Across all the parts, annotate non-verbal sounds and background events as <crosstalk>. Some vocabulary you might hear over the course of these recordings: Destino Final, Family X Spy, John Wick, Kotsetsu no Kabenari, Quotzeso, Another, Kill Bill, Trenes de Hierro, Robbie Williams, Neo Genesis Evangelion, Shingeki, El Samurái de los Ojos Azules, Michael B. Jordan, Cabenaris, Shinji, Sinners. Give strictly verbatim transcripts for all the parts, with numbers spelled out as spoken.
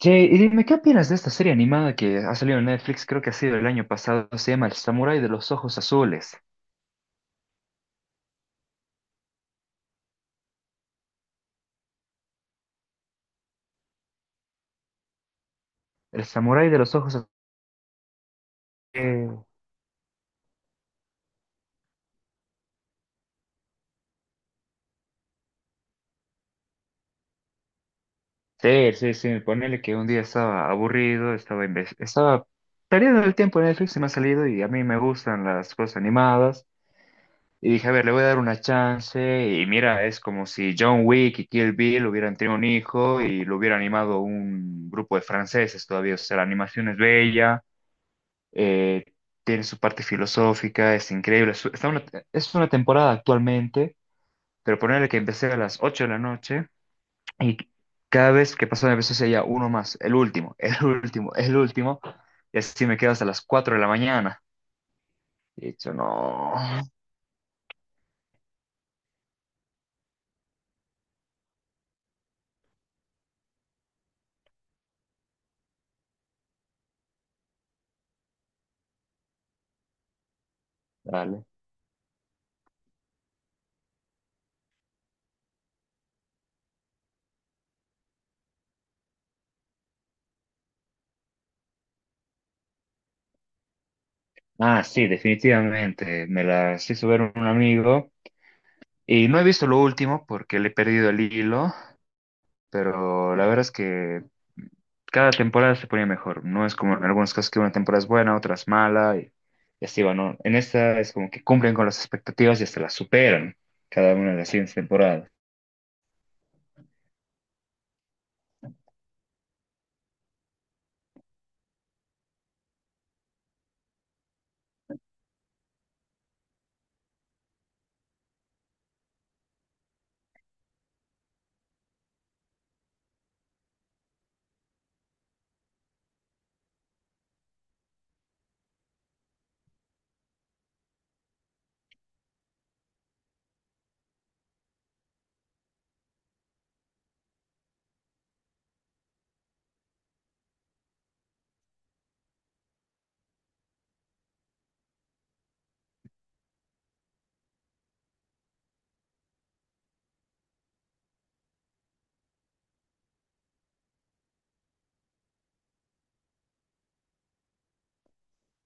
Che, y dime, ¿qué opinas de esta serie animada que ha salido en Netflix? Creo que ha sido el año pasado. Se llama El Samurái de los Ojos Azules. El Samurái de los Ojos Azules. Sí, sí, sí. Ponele que un día estaba aburrido, estaba, inves- estaba perdiendo el tiempo en Netflix y me ha salido y a mí me gustan las cosas animadas. Y dije, a ver, le voy a dar una chance. Y mira, es como si John Wick y Kill Bill hubieran tenido un hijo y lo hubiera animado un grupo de franceses todavía. O sea, la animación es bella. eh, Tiene su parte filosófica, es increíble. Su- Está una, es una temporada actualmente, pero ponerle que empecé a las ocho de la noche y cada vez que pasaba empecé ya uno más, el último, el <laughs> último, el último, y así me quedo hasta las cuatro de la mañana. Y he dicho, no, dale. Ah, sí, definitivamente. Me las hizo ver un amigo y no he visto lo último porque le he perdido el hilo. Pero la verdad es que cada temporada se ponía mejor. No es como en algunos casos que una temporada es buena, otras mala, y, y así va, ¿no? En esta es como que cumplen con las expectativas y hasta las superan cada una de las siguientes temporadas.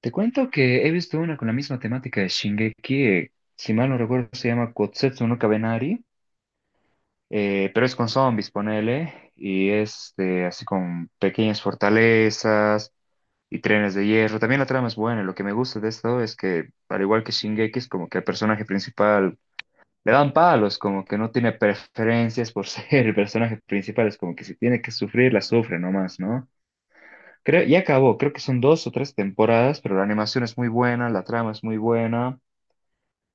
Te cuento que he visto una con la misma temática de Shingeki, eh, si mal no recuerdo se llama Kotsetsu no Kabenari, eh, pero es con zombies, ponele, y es de, así con pequeñas fortalezas, y Trenes de Hierro. También la trama es buena. Lo que me gusta de esto es que, al igual que Shingeki, es como que al personaje principal le dan palos, como que no tiene preferencias por <laughs> ser el personaje principal. Es como que si tiene que sufrir, la sufre nomás, ¿no? Creo, ya acabó, creo que son dos o tres temporadas, pero la animación es muy buena, la trama es muy buena.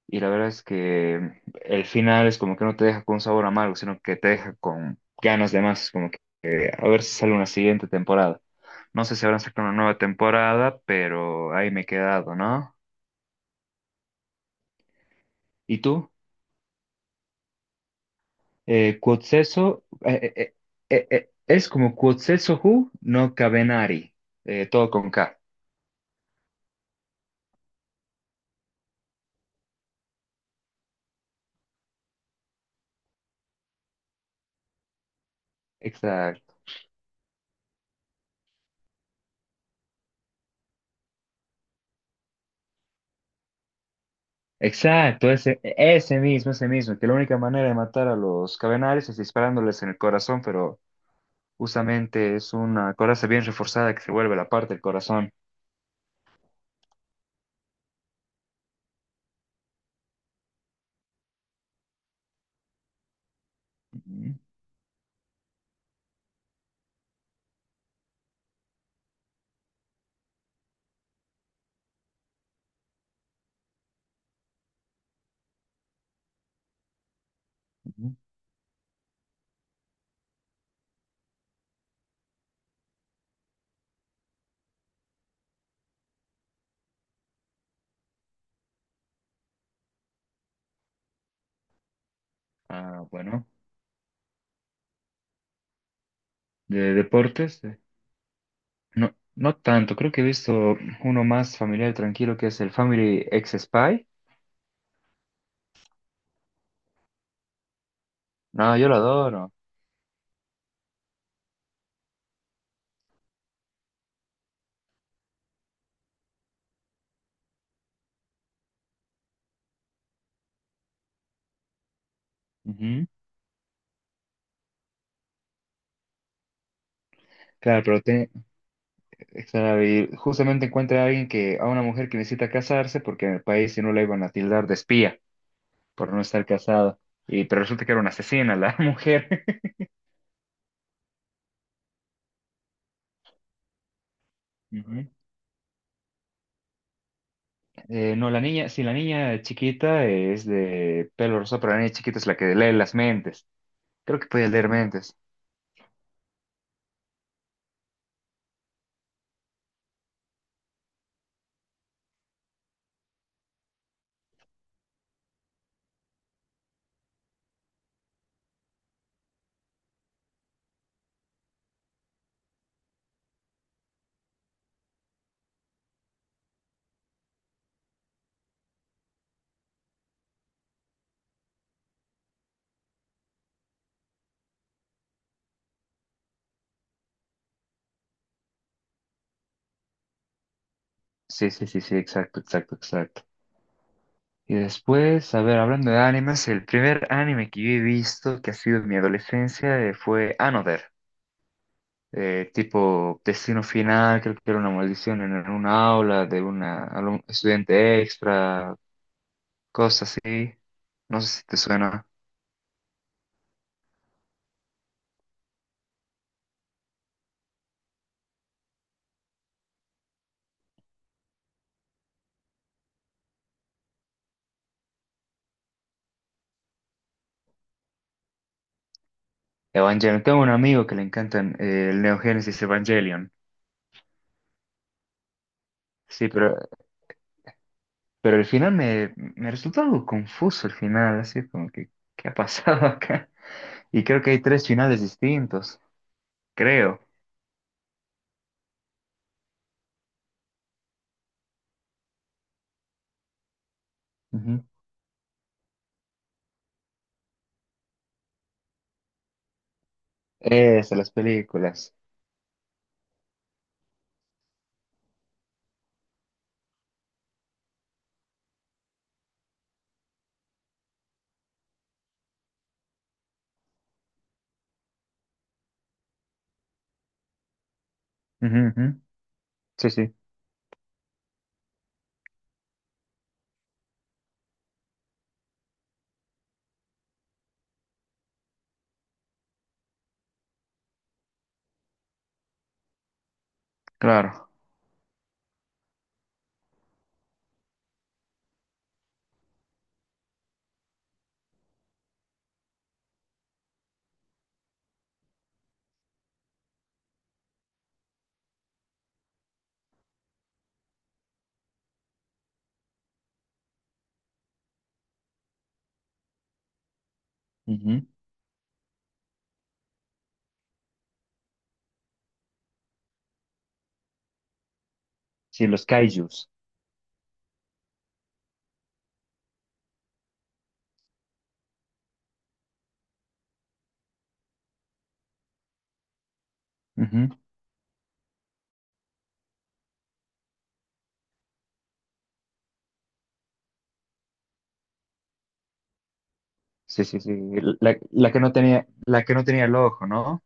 Y la verdad es que el final es como que no te deja con un sabor amargo, sino que te deja con ganas de más, como que eh, a ver si sale una siguiente temporada. No sé si habrán sacado una nueva temporada, pero ahí me he quedado, ¿no? ¿Y tú? Eh, Quotzeso, eh, eh, eh, eh, eh, es como Quotzeso Who, no Cabenari, eh, todo con K. Exacto. Exacto, ese, ese mismo, ese mismo, que la única manera de matar a los Cabenaris es disparándoles en el corazón, pero justamente es una coraza bien reforzada que se vuelve la parte del corazón. Ujú, ujú. Ah, bueno. De deportes, eh, no, no tanto. Creo que he visto uno más familiar, tranquilo, que es el Family X Spy. No, yo lo adoro. Ujú. Claro, pero te- claro, y justamente encuentra a alguien que, a una mujer que necesita casarse porque en el país si no la iban a tildar de espía por no estar casada. Y, pero resulta que era una asesina la <laughs> mujer. <laughs> Eh, no, la niña, sí, la niña chiquita es de pelo rosado, pero la niña chiquita es la que lee las mentes. Creo que puede leer mentes. Sí, sí, sí, sí, exacto, exacto, exacto. Y después, a ver, hablando de animes, el primer anime que yo he visto que ha sido en mi adolescencia eh, fue Another. Eh, tipo Destino Final, creo que era una maldición en en una aula de una alum- estudiante extra, cosas así. No sé si te suena. Evangelion. Tengo un amigo que le encantan eh, el Neo Genesis Evangelion. Sí, pero, pero el final me, me resultó algo confuso el final, así como que, ¿qué ha pasado <laughs> acá? Y creo que hay tres finales distintos, creo. Ujú. Esas, las películas. Ujú, ujú. Sí, sí, claro. Ujú. Sí, los kaijus. Ujú. Sí, sí, sí. La, la que no tenía, la que no tenía el ojo, ¿no?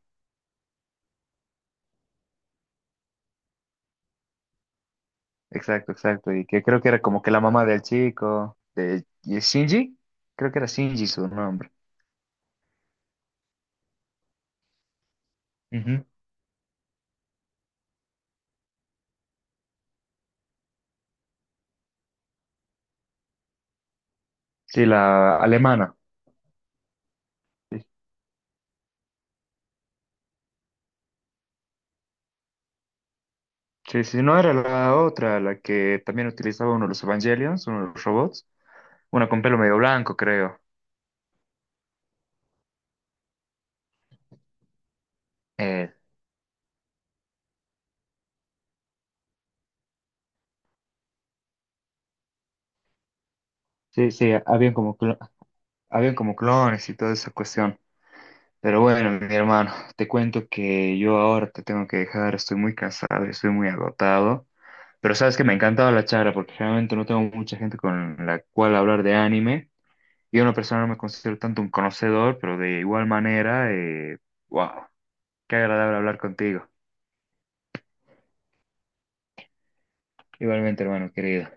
Exacto, exacto. Y que creo que era como que la mamá del chico, de de Shinji, creo que era Shinji su nombre. Ujú. Sí, la alemana. Sí. Sí, sí, no era la otra, la que también utilizaba uno de los Evangelions, uno de los robots, una con pelo medio blanco, creo. Eh, sí, sí, habían como, clo- habían como clones y toda esa cuestión. Pero bueno, mi hermano, te cuento que yo ahora te tengo que dejar, estoy muy cansado, estoy muy agotado. Pero sabes que me encantaba la charla porque realmente no tengo mucha gente con la cual hablar de anime. Yo en lo personal no me considero tanto un conocedor, pero de igual manera, eh, wow, qué agradable hablar contigo. Igualmente, hermano querido.